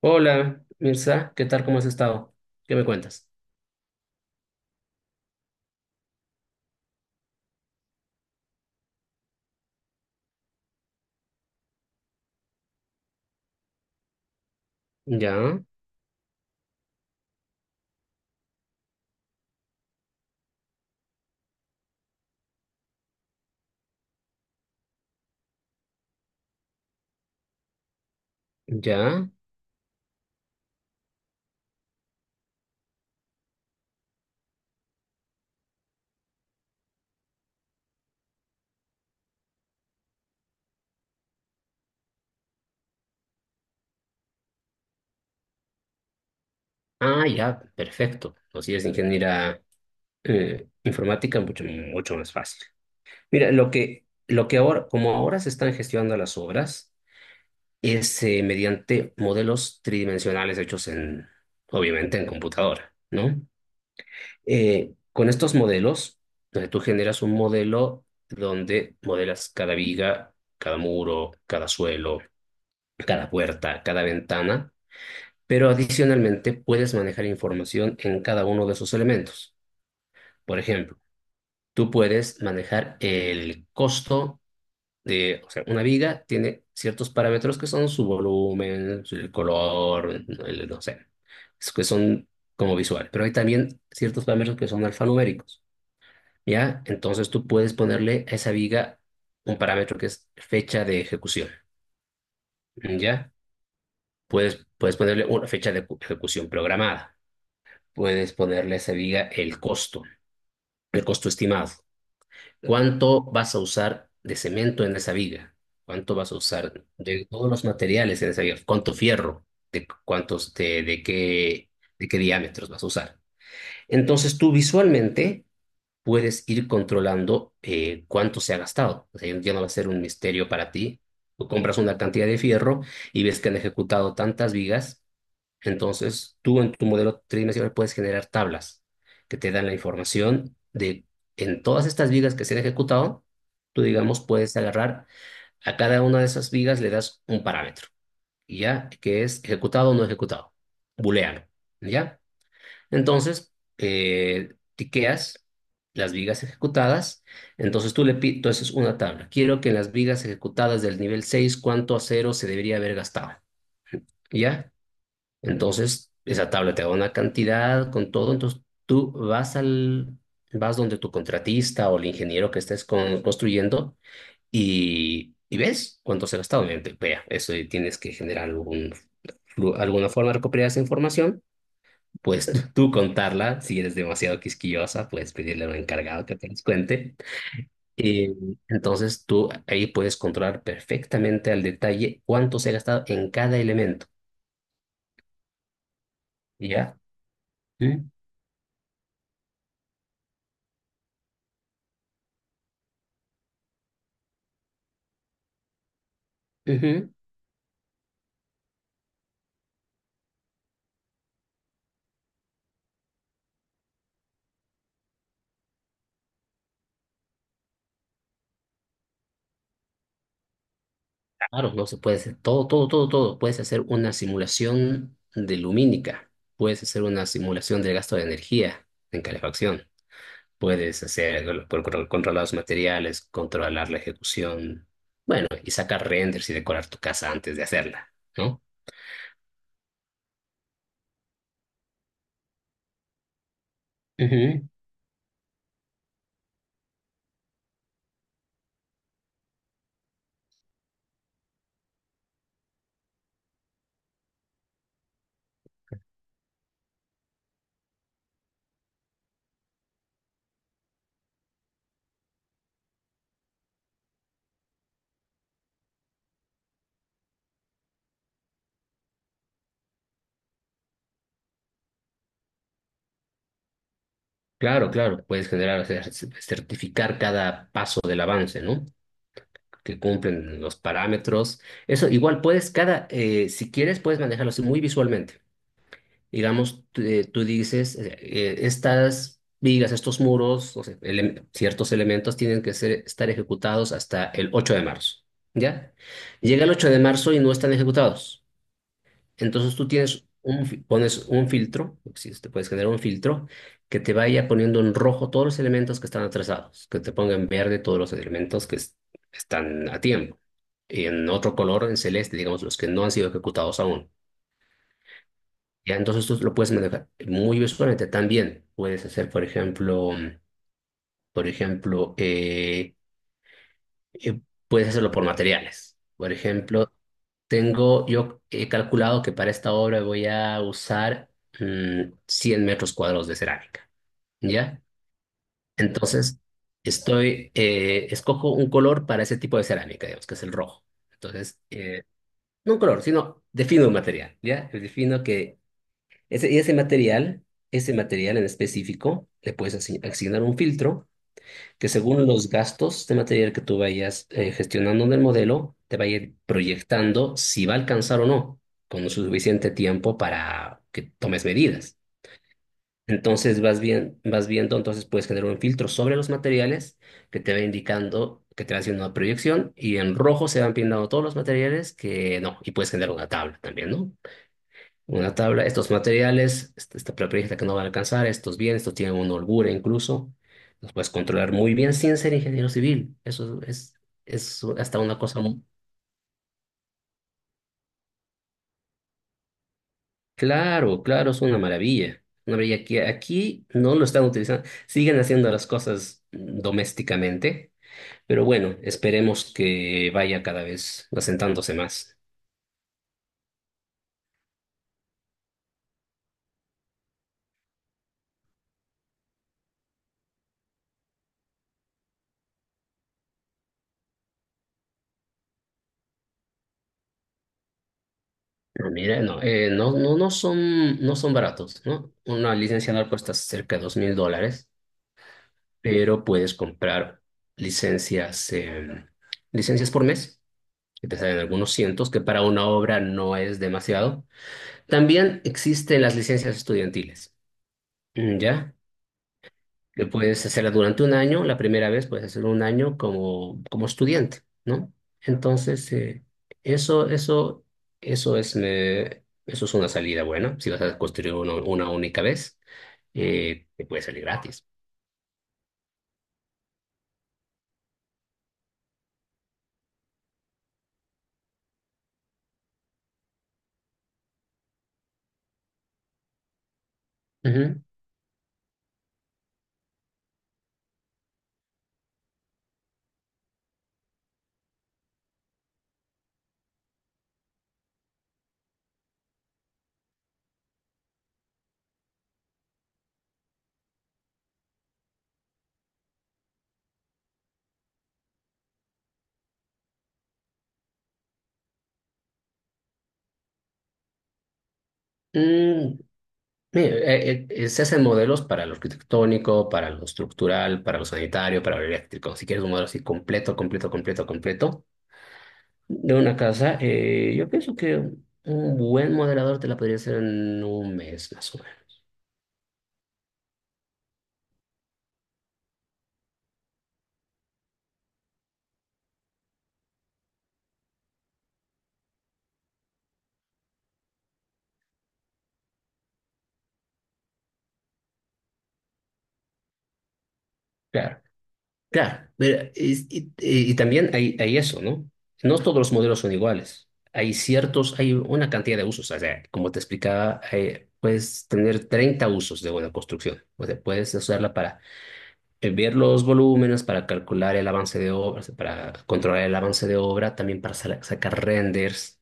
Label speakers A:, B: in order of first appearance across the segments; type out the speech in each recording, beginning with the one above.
A: Hola, Mirza, ¿qué tal? ¿Cómo has estado? ¿Qué me cuentas? Ya, ya. Ah, ya, perfecto. O si es ingeniera informática, mucho más fácil. Mira, lo que ahora, como ahora se están gestionando las obras, es mediante modelos tridimensionales hechos en, obviamente, en computadora, ¿no? Con estos modelos, tú generas un modelo donde modelas cada viga, cada muro, cada suelo, cada puerta, cada ventana, pero adicionalmente puedes manejar información en cada uno de esos elementos. Por ejemplo, tú puedes manejar el costo de, o sea, una viga tiene ciertos parámetros que son su volumen, el color, no sé, es que son como visual, pero hay también ciertos parámetros que son alfanuméricos, ¿ya? Entonces tú puedes ponerle a esa viga un parámetro que es fecha de ejecución, ¿ya? Puedes ponerle una fecha de ejecución programada. Puedes ponerle a esa viga el costo estimado. ¿Cuánto vas a usar de cemento en esa viga? ¿Cuánto vas a usar de todos los materiales en esa viga? ¿Cuánto fierro? ¿De cuántos, de qué, ¿de qué diámetros vas a usar? Entonces tú visualmente puedes ir controlando cuánto se ha gastado. O sea, ya no va a ser un misterio para ti. Tú compras una cantidad de fierro y ves que han ejecutado tantas vigas, entonces, tú en tu modelo tridimensional puedes generar tablas que te dan la información de en todas estas vigas que se han ejecutado, tú digamos puedes agarrar a cada una de esas vigas, le das un parámetro, y ya que es ejecutado o no ejecutado, booleano, ¿ya? Entonces, tiqueas las vigas ejecutadas, entonces tú le pides, entonces una tabla, quiero que en las vigas ejecutadas del nivel 6 ¿cuánto acero se debería haber gastado? ¿Ya? Entonces, esa tabla te da una cantidad con todo, entonces tú vas al, vas donde tu contratista o el ingeniero que estés construyendo y ves cuánto se ha gastado. Obviamente, vea, eso y tienes que generar algún, alguna forma de recuperar esa información, pues tú contarla, si eres demasiado quisquillosa, puedes pedirle a un encargado que te los cuente. Y entonces tú ahí puedes controlar perfectamente al detalle cuánto se ha gastado en cada elemento, ¿ya? Ujú. Ujú. Claro, no se puede hacer todo, todo, todo, todo. Puedes hacer una simulación de lumínica, puedes hacer una simulación del gasto de energía en calefacción, puedes hacer controlar los materiales, controlar la ejecución, bueno, y sacar renders y decorar tu casa antes de hacerla, ¿no? Ujú. Claro, claro, puedes generar, o sea, certificar cada paso del avance, ¿no? Que cumplen los parámetros. Eso igual puedes, cada, si quieres, puedes manejarlo así muy visualmente. Digamos, tú dices, estas vigas, estos muros, o sea, ciertos elementos tienen que ser, estar ejecutados hasta el 8 de marzo, ¿ya? Llega el 8 de marzo y no están ejecutados. Entonces tú tienes un, pones un filtro, si puedes generar un filtro, que te vaya poniendo en rojo todos los elementos que están atrasados, que te ponga en verde todos los elementos que están a tiempo, y en otro color, en celeste, digamos, los que no han sido ejecutados aún. Ya, entonces tú lo puedes manejar muy visualmente. También puedes hacer, por ejemplo, por ejemplo, eh, eh, puedes hacerlo por materiales. Por ejemplo, tengo, yo he calculado que para esta obra voy a usar 100 metros cuadrados de cerámica, ¿ya? Entonces, estoy, escojo un color para ese tipo de cerámica, digamos, que es el rojo. Entonces, no un color, sino defino un material, ¿ya? Defino que ese, y ese material en específico, le puedes asignar un filtro que según los gastos de material que tú vayas gestionando en el modelo, te va a ir proyectando si va a alcanzar o no, con suficiente tiempo para que tomes medidas. Entonces vas bien, vas viendo, entonces puedes generar un filtro sobre los materiales que te va indicando, que te va haciendo una proyección y en rojo se van pintando todos los materiales que no, y puedes generar una tabla también, ¿no? Una tabla, estos materiales, esta propiedad que no van a alcanzar, estos bienes, estos tienen una holgura incluso, los puedes controlar muy bien sin ser ingeniero civil. Eso es hasta una cosa muy... Claro, claro, es una maravilla. Una maravilla que aquí no lo están utilizando, siguen haciendo las cosas domésticamente, pero bueno, esperemos que vaya cada vez asentándose más. No, mira, no, no son baratos, ¿no? Una licencia anual cuesta cerca de $2000. Pero puedes comprar licencias, licencias por mes, que te salen algunos cientos, que para una obra no es demasiado. También existen las licencias estudiantiles, mm, ¿ya? Que puedes hacerla durante un año, la primera vez puedes hacerlo un año como, como estudiante, ¿no? Entonces, eso, eso, eso es una salida buena, si vas a construir una única vez te puede salir gratis. Ujú. Mm, sí, se hacen modelos para lo arquitectónico, para lo estructural, para lo sanitario, para lo eléctrico. Si quieres un modelo así completo, completo, completo, completo de una casa, yo pienso que un buen modelador te la podría hacer en un mes más o menos. Claro, claro. Mira, y, y también hay eso, ¿no? No todos los modelos son iguales. Hay ciertos, hay una cantidad de usos. O sea, como te explicaba, puedes tener 30 usos de una construcción. O sea, puedes usarla para ver los volúmenes para calcular el avance de obra, o sea, para controlar el avance de obra, también para sacar renders.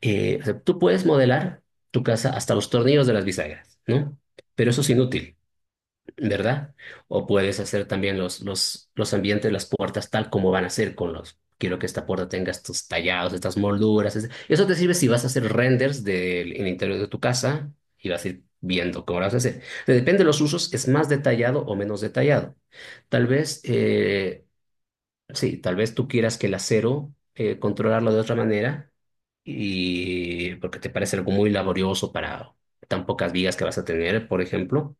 A: O sea, tú puedes modelar tu casa hasta los tornillos de las bisagras, ¿no? Pero eso es inútil. ¿Verdad? O puedes hacer también los ambientes, las puertas tal como van a ser con los... Quiero que esta puerta tenga estos tallados, estas molduras. Eso te sirve si vas a hacer renders del el interior de tu casa y vas a ir viendo cómo lo vas a hacer. Depende de los usos, es más detallado o menos detallado. Tal vez, sí, tal vez tú quieras que el acero controlarlo de otra manera y porque te parece algo muy laborioso para tan pocas vigas que vas a tener, por ejemplo.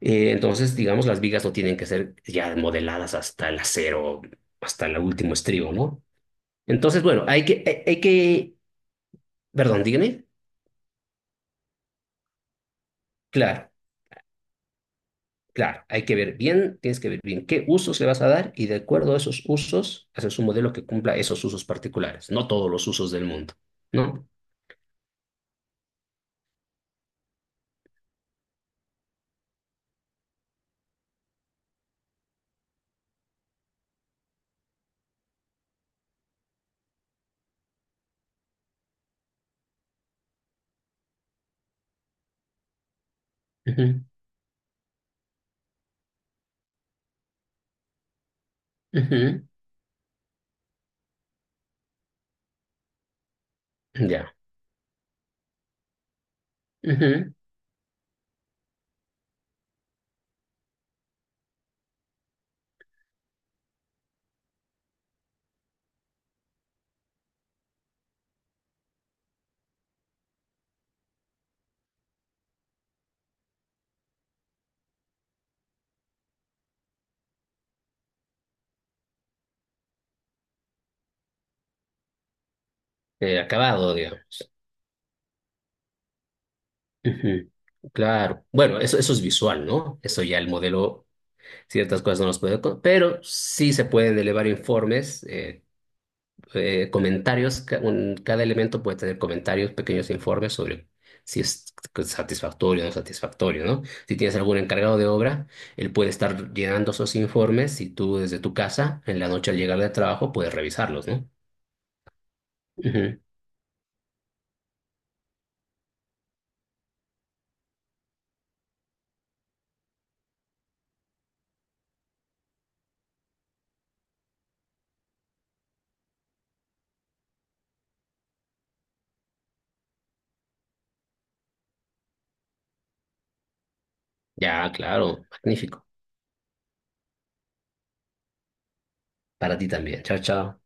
A: Entonces, digamos, las vigas no tienen que ser ya modeladas hasta el acero, hasta el último estribo, ¿no? Entonces, bueno, hay que, hay que, perdón, dígame, claro, claro, hay que ver bien, tienes que ver bien qué usos le vas a dar y de acuerdo a esos usos, haces un modelo que cumpla esos usos particulares, no todos los usos del mundo, ¿no? Ujú, ujú, ya, ujú, acabado, digamos. Ujú, claro, bueno, eso es visual, ¿no? Eso ya el modelo ciertas cosas no las puedo pero sí se pueden elevar informes, comentarios, cada elemento puede tener comentarios, pequeños informes sobre si es satisfactorio o no satisfactorio, ¿no? Si tienes algún encargado de obra, él puede estar llenando esos informes y tú desde tu casa, en la noche al llegar del trabajo, puedes revisarlos, ¿no? Ujú. Ya, claro, magnífico. Para ti también. Chao, chao.